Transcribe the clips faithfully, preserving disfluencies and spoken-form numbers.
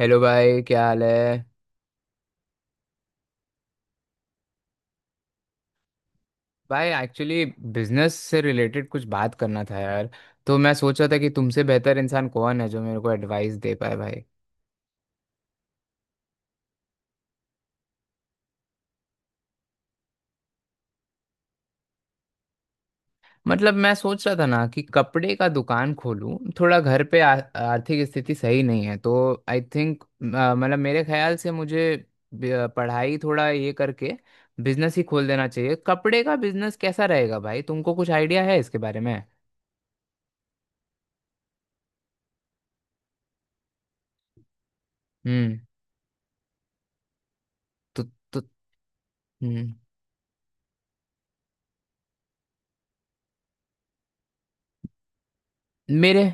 Hello भाई, क्या हाल है। भाई एक्चुअली बिजनेस से रिलेटेड कुछ बात करना था यार। तो मैं सोच रहा था कि तुमसे बेहतर इंसान कौन है जो मेरे को एडवाइस दे पाए भाई। मतलब मैं सोच रहा था ना कि कपड़े का दुकान खोलूं, थोड़ा घर पे आ, आर्थिक स्थिति सही नहीं है। तो आई थिंक, मतलब मेरे ख्याल से मुझे ब- अ, पढ़ाई थोड़ा ये करके बिजनेस ही खोल देना चाहिए। कपड़े का बिजनेस कैसा रहेगा भाई, तुमको कुछ आइडिया है इसके बारे में? हम्म। तो, तो। हम्म। मेरे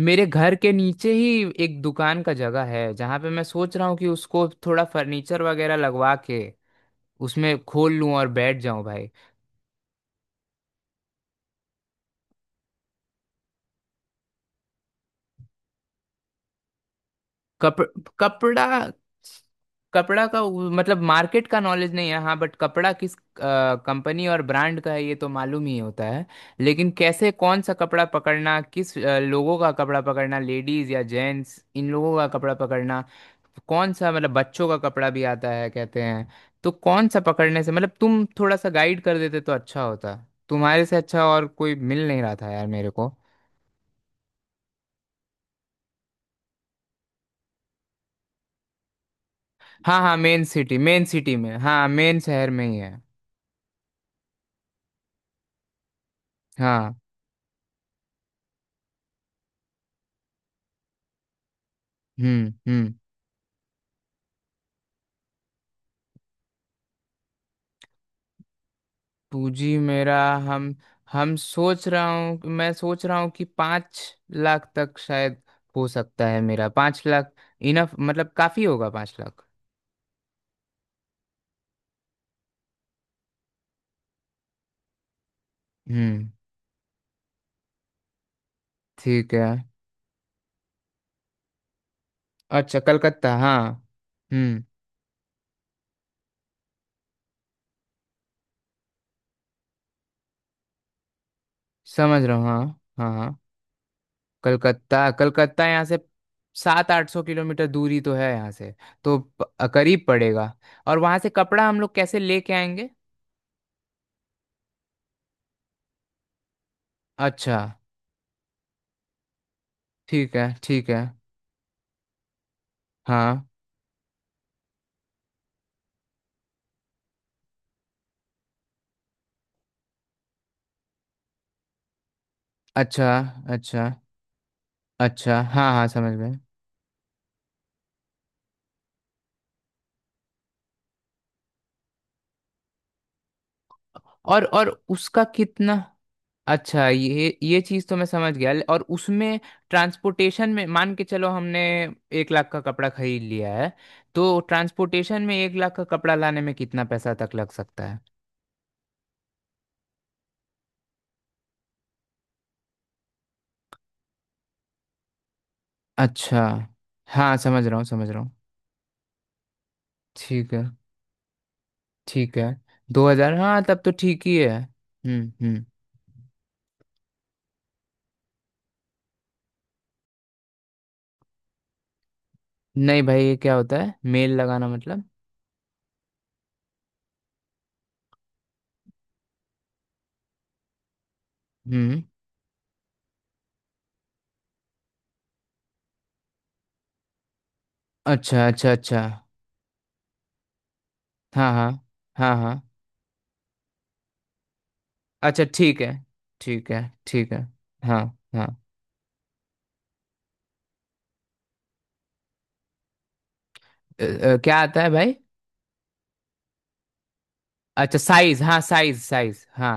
मेरे घर के नीचे ही एक दुकान का जगह है जहाँ पे मैं सोच रहा हूँ कि उसको थोड़ा फर्नीचर वगैरह लगवा के उसमें खोल लूँ और बैठ जाऊँ भाई। कप कपड़ा कपड़ा का वो- मतलब मार्केट का नॉलेज नहीं है हाँ, बट कपड़ा किस कंपनी और ब्रांड का है ये तो मालूम ही होता है। लेकिन कैसे, कौन सा कपड़ा पकड़ना, किस अ, लोगों का कपड़ा पकड़ना, लेडीज या जेंट्स, इन लोगों का कपड़ा पकड़ना, कौन सा, मतलब बच्चों का कपड़ा भी आता है कहते हैं। तो कौन सा पकड़ने से, मतलब तुम थोड़ा सा गाइड कर देते तो अच्छा होता। तुम्हारे से अच्छा और कोई मिल नहीं रहा था यार मेरे को। हाँ हाँ, मेन सिटी, मेन सिटी में, हाँ मेन शहर में ही है। हाँ। हम्म हम्म। पूंजी मेरा। हम हम सोच रहा हूँ, मैं सोच रहा हूँ कि पाँच लाख तक शायद हो सकता है मेरा। पाँच लाख इनफ, मतलब काफी होगा पाँच लाख। हम्म। ठीक है। अच्छा, कलकत्ता, हाँ। हम्म। समझ रहा हूँ, हाँ हाँ हाँ। कलकत्ता, कलकत्ता यहाँ से सात आठ सौ किलोमीटर दूरी तो है यहाँ से। तो प- करीब पड़ेगा। और वहाँ से कपड़ा हम लोग कैसे लेके आएंगे? अच्छा। ठीक है, ठीक है। हाँ। अच्छा, अच्छा अच्छा, हाँ हाँ समझ गए। और और उसका कितना? अच्छा, ये ये चीज़ तो मैं समझ गया। ले- और उसमें ट्रांसपोर्टेशन में, मान के चलो हमने एक लाख का कपड़ा खरीद लिया है, तो ट्रांसपोर्टेशन में एक लाख का कपड़ा लाने में कितना पैसा तक लग सकता है? अच्छा। हाँ समझ रहा हूँ, समझ रहा हूँ। ठीक है, ठीक है। दो हजार, हाँ तब तो ठीक ही है। हम्म हम्म। नहीं भाई, ये क्या होता है मेल लगाना, मतलब? हम्म। अच्छा अच्छा अच्छा। हाँ हाँ। हाँ। हाँ। अच्छा ठीक है, ठीक है, ठीक है। हाँ। हाँ। अ, अ, क्या आता है भाई? अच्छा साइज, हाँ, साइज साइज, हाँ।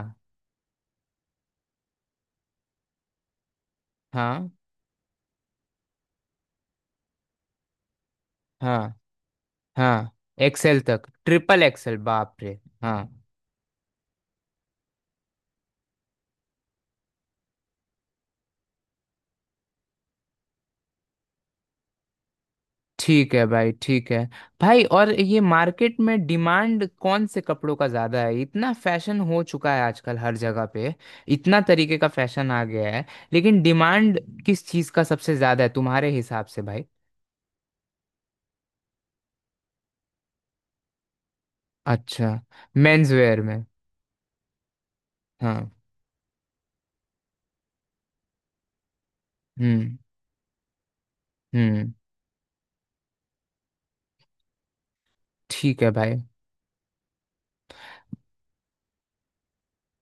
हाँ। हाँ। हाँ। एक्सेल तक, ट्रिपल एक्सेल, बाप रे। हाँ। ठीक है भाई, ठीक है। भाई और ये मार्केट में डिमांड कौन से कपड़ों का ज्यादा है? इतना फैशन हो चुका है आजकल हर जगह पे, इतना तरीके का फैशन आ गया है। लेकिन डिमांड किस चीज का सबसे ज्यादा है तुम्हारे हिसाब से भाई? अच्छा, मेंस वेयर में। हाँ। हम्म हम्म। ठीक है भाई।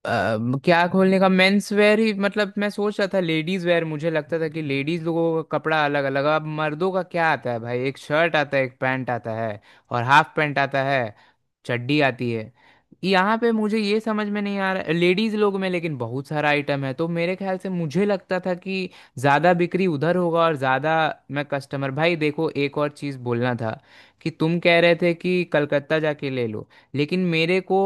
अम, क्या खोलने का, मेंस वेयर ही, मतलब मैं सोच रहा था लेडीज वेयर। मुझे लगता था कि लेडीज लोगों का कपड़ा अलग अलग। अब मर्दों का क्या आता है भाई, एक शर्ट आता है, एक पैंट आता है और हाफ पैंट आता है, चड्डी आती है। यहाँ पे मुझे ये समझ में नहीं आ रहा। लेडीज लोग में लेकिन बहुत सारा आइटम है, तो मेरे ख्याल से मुझे लगता था कि ज़्यादा बिक्री उधर होगा और ज़्यादा मैं कस्टमर। भाई देखो, एक और चीज़ बोलना था कि तुम कह रहे थे कि कलकत्ता जाके ले लो, लेकिन मेरे को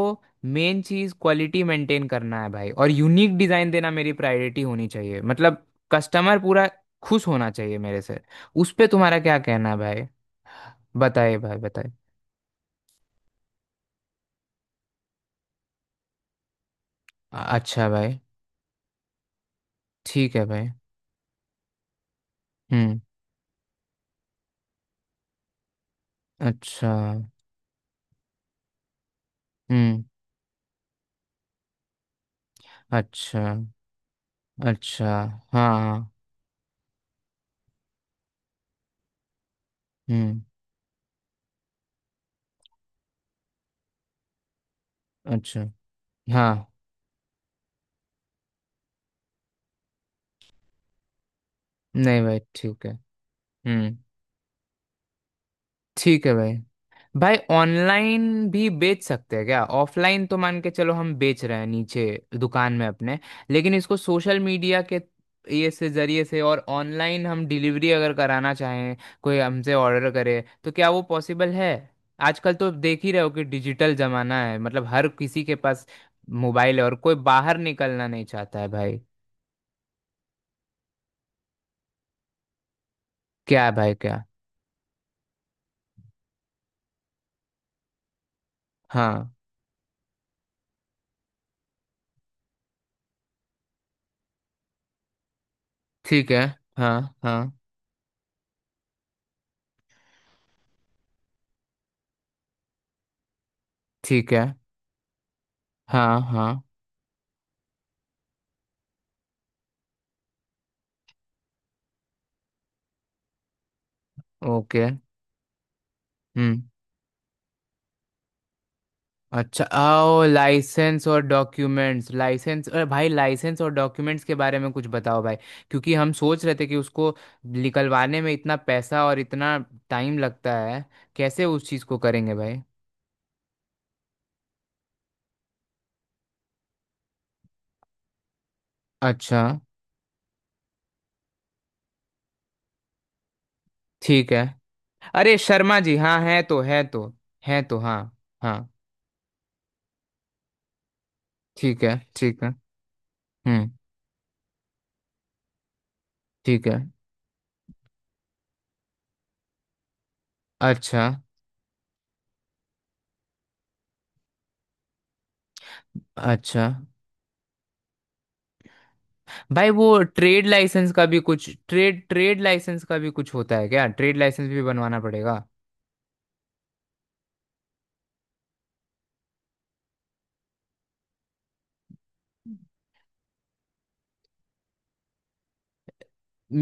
मेन चीज क्वालिटी मेंटेन करना है भाई, और यूनिक डिजाइन देना मेरी प्रायोरिटी होनी चाहिए। मतलब कस्टमर पूरा खुश होना चाहिए मेरे से। उस पे तुम्हारा क्या कहना है भाई? बताइए भाई, बताइए। अ- अच्छा भाई। ठीक है भाई। हम्म। अच्छा। हम्म। अच्छा, अच्छा। हाँ हाँ। हम्म। अच्छा। हाँ। नहीं भाई ठीक है। हम्म। ठीक है भाई। भाई ऑनलाइन भी बेच सकते हैं क्या? ऑफलाइन तो मान के चलो हम बेच रहे हैं नीचे दुकान में अपने, लेकिन इसको सोशल मीडिया के ये से, जरिए से, और ऑनलाइन हम डिलीवरी अगर कराना चाहें, कोई हमसे ऑर्डर करे, तो क्या वो पॉसिबल है? आजकल तो देख ही रहे हो कि डिजिटल जमाना है, मतलब हर किसी के पास मोबाइल है और कोई बाहर निकलना नहीं चाहता है भाई। क्या है भाई, क्या? हाँ। ठीक है। हाँ हाँ। ठीक है। हाँ हाँ। ओके। हम्म। अच्छा, आओ लाइसेंस और डॉक्यूमेंट्स, लाइसेंस, अरे भाई लाइसेंस और डॉक्यूमेंट्स के बारे में कुछ बताओ भाई। क्योंकि हम सोच रहे थे कि उसको निकलवाने में इतना पैसा और इतना टाइम लगता है, कैसे उस चीज़ को करेंगे भाई? अच्छा। ठीक है। अरे शर्मा जी हाँ, है तो, है तो, है तो, हाँ। हाँ। ठीक है, ठीक है। हम्म। ठीक है। अच्छा। अच्छा। भाई वो ट्रेड लाइसेंस का भी कुछ, ट्रेड ट्रेड लाइसेंस का भी कुछ होता है क्या? ट्रेड लाइसेंस भी बनवाना पड़ेगा?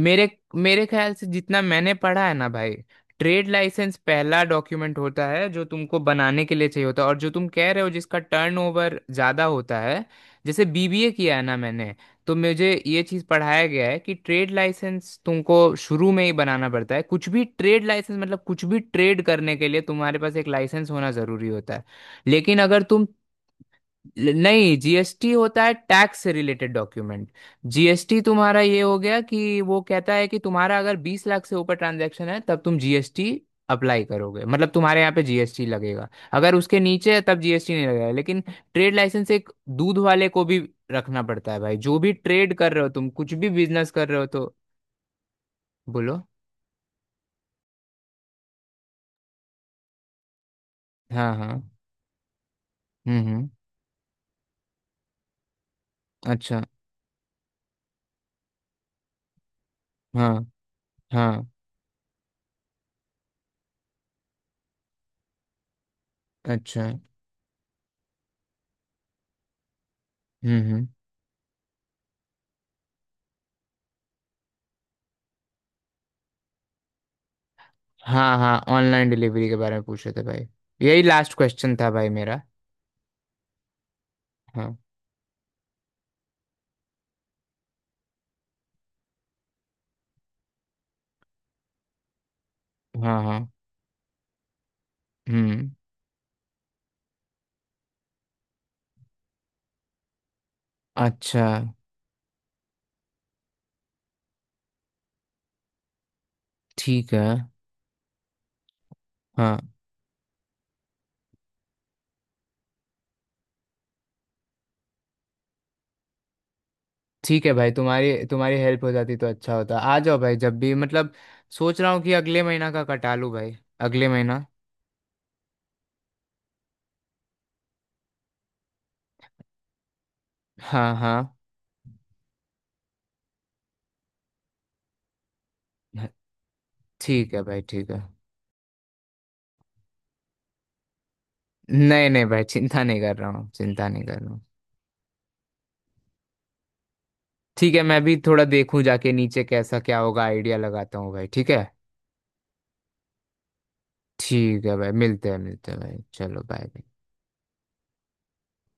मेरे मेरे ख्याल से जितना मैंने पढ़ा है ना भाई, ट्रेड लाइसेंस पहला डॉक्यूमेंट होता है जो तुमको बनाने के लिए चाहिए होता है। और जो तुम कह रहे हो जिसका टर्नओवर ज़्यादा होता है, जैसे बीबीए किया है ना मैंने, तो मुझे ये चीज़ पढ़ाया गया है कि ट्रेड लाइसेंस तुमको शुरू में ही बनाना पड़ता है। कुछ भी ट्रेड लाइसेंस मतलब कुछ भी ट्रेड करने के लिए तुम्हारे पास एक लाइसेंस होना ज़रूरी होता है। लेकिन अगर तुम, ल- नहीं, जीएसटी होता है टैक्स से रिलेटेड डॉक्यूमेंट। जीएसटी तुम्हारा ये हो गया कि वो कहता है कि तुम्हारा अगर बीस लाख से ऊपर ट्रांजैक्शन है तब तुम जीएसटी अप्लाई करोगे, मतलब तुम्हारे यहाँ पे जीएसटी लगेगा। अगर उसके नीचे है तब जीएसटी नहीं लगेगा। लेकिन ट्रेड लाइसेंस एक दूध वाले को भी रखना पड़ता है भाई। जो भी ट्रेड कर रहे हो तुम, कुछ भी बिजनेस कर रहे हो तो। बोलो। हाँ हाँ। हम्म हम्म। अच्छा। हाँ। हाँ। अच्छा। हम्म हम्म। हाँ हाँ। ऑनलाइन डिलीवरी के बारे में पूछ रहे थे भाई, यही लास्ट क्वेश्चन था भाई मेरा। हाँ। हाँ। हाँ। हम्म। अच्छा। ठीक है। हाँ। ठीक है भाई, तुम्हारी तुम्हारी हेल्प हो जाती तो अच्छा होता। आ जाओ भाई जब भी, मतलब सोच रहा हूँ कि अगले महीना का कटा लूँ भाई, अगले महीना। हाँ हाँ। ठीक है भाई, ठीक है। नहीं नहीं भाई, चिंता नहीं कर रहा हूँ, चिंता नहीं कर रहा हूँ। ठीक है, मैं भी थोड़ा देखूँ जाके नीचे कैसा क्या होगा, आइडिया लगाता हूँ भाई, ठीक है। ठीक है भाई, मिलते हैं, मिलते हैं भाई, चलो बाय।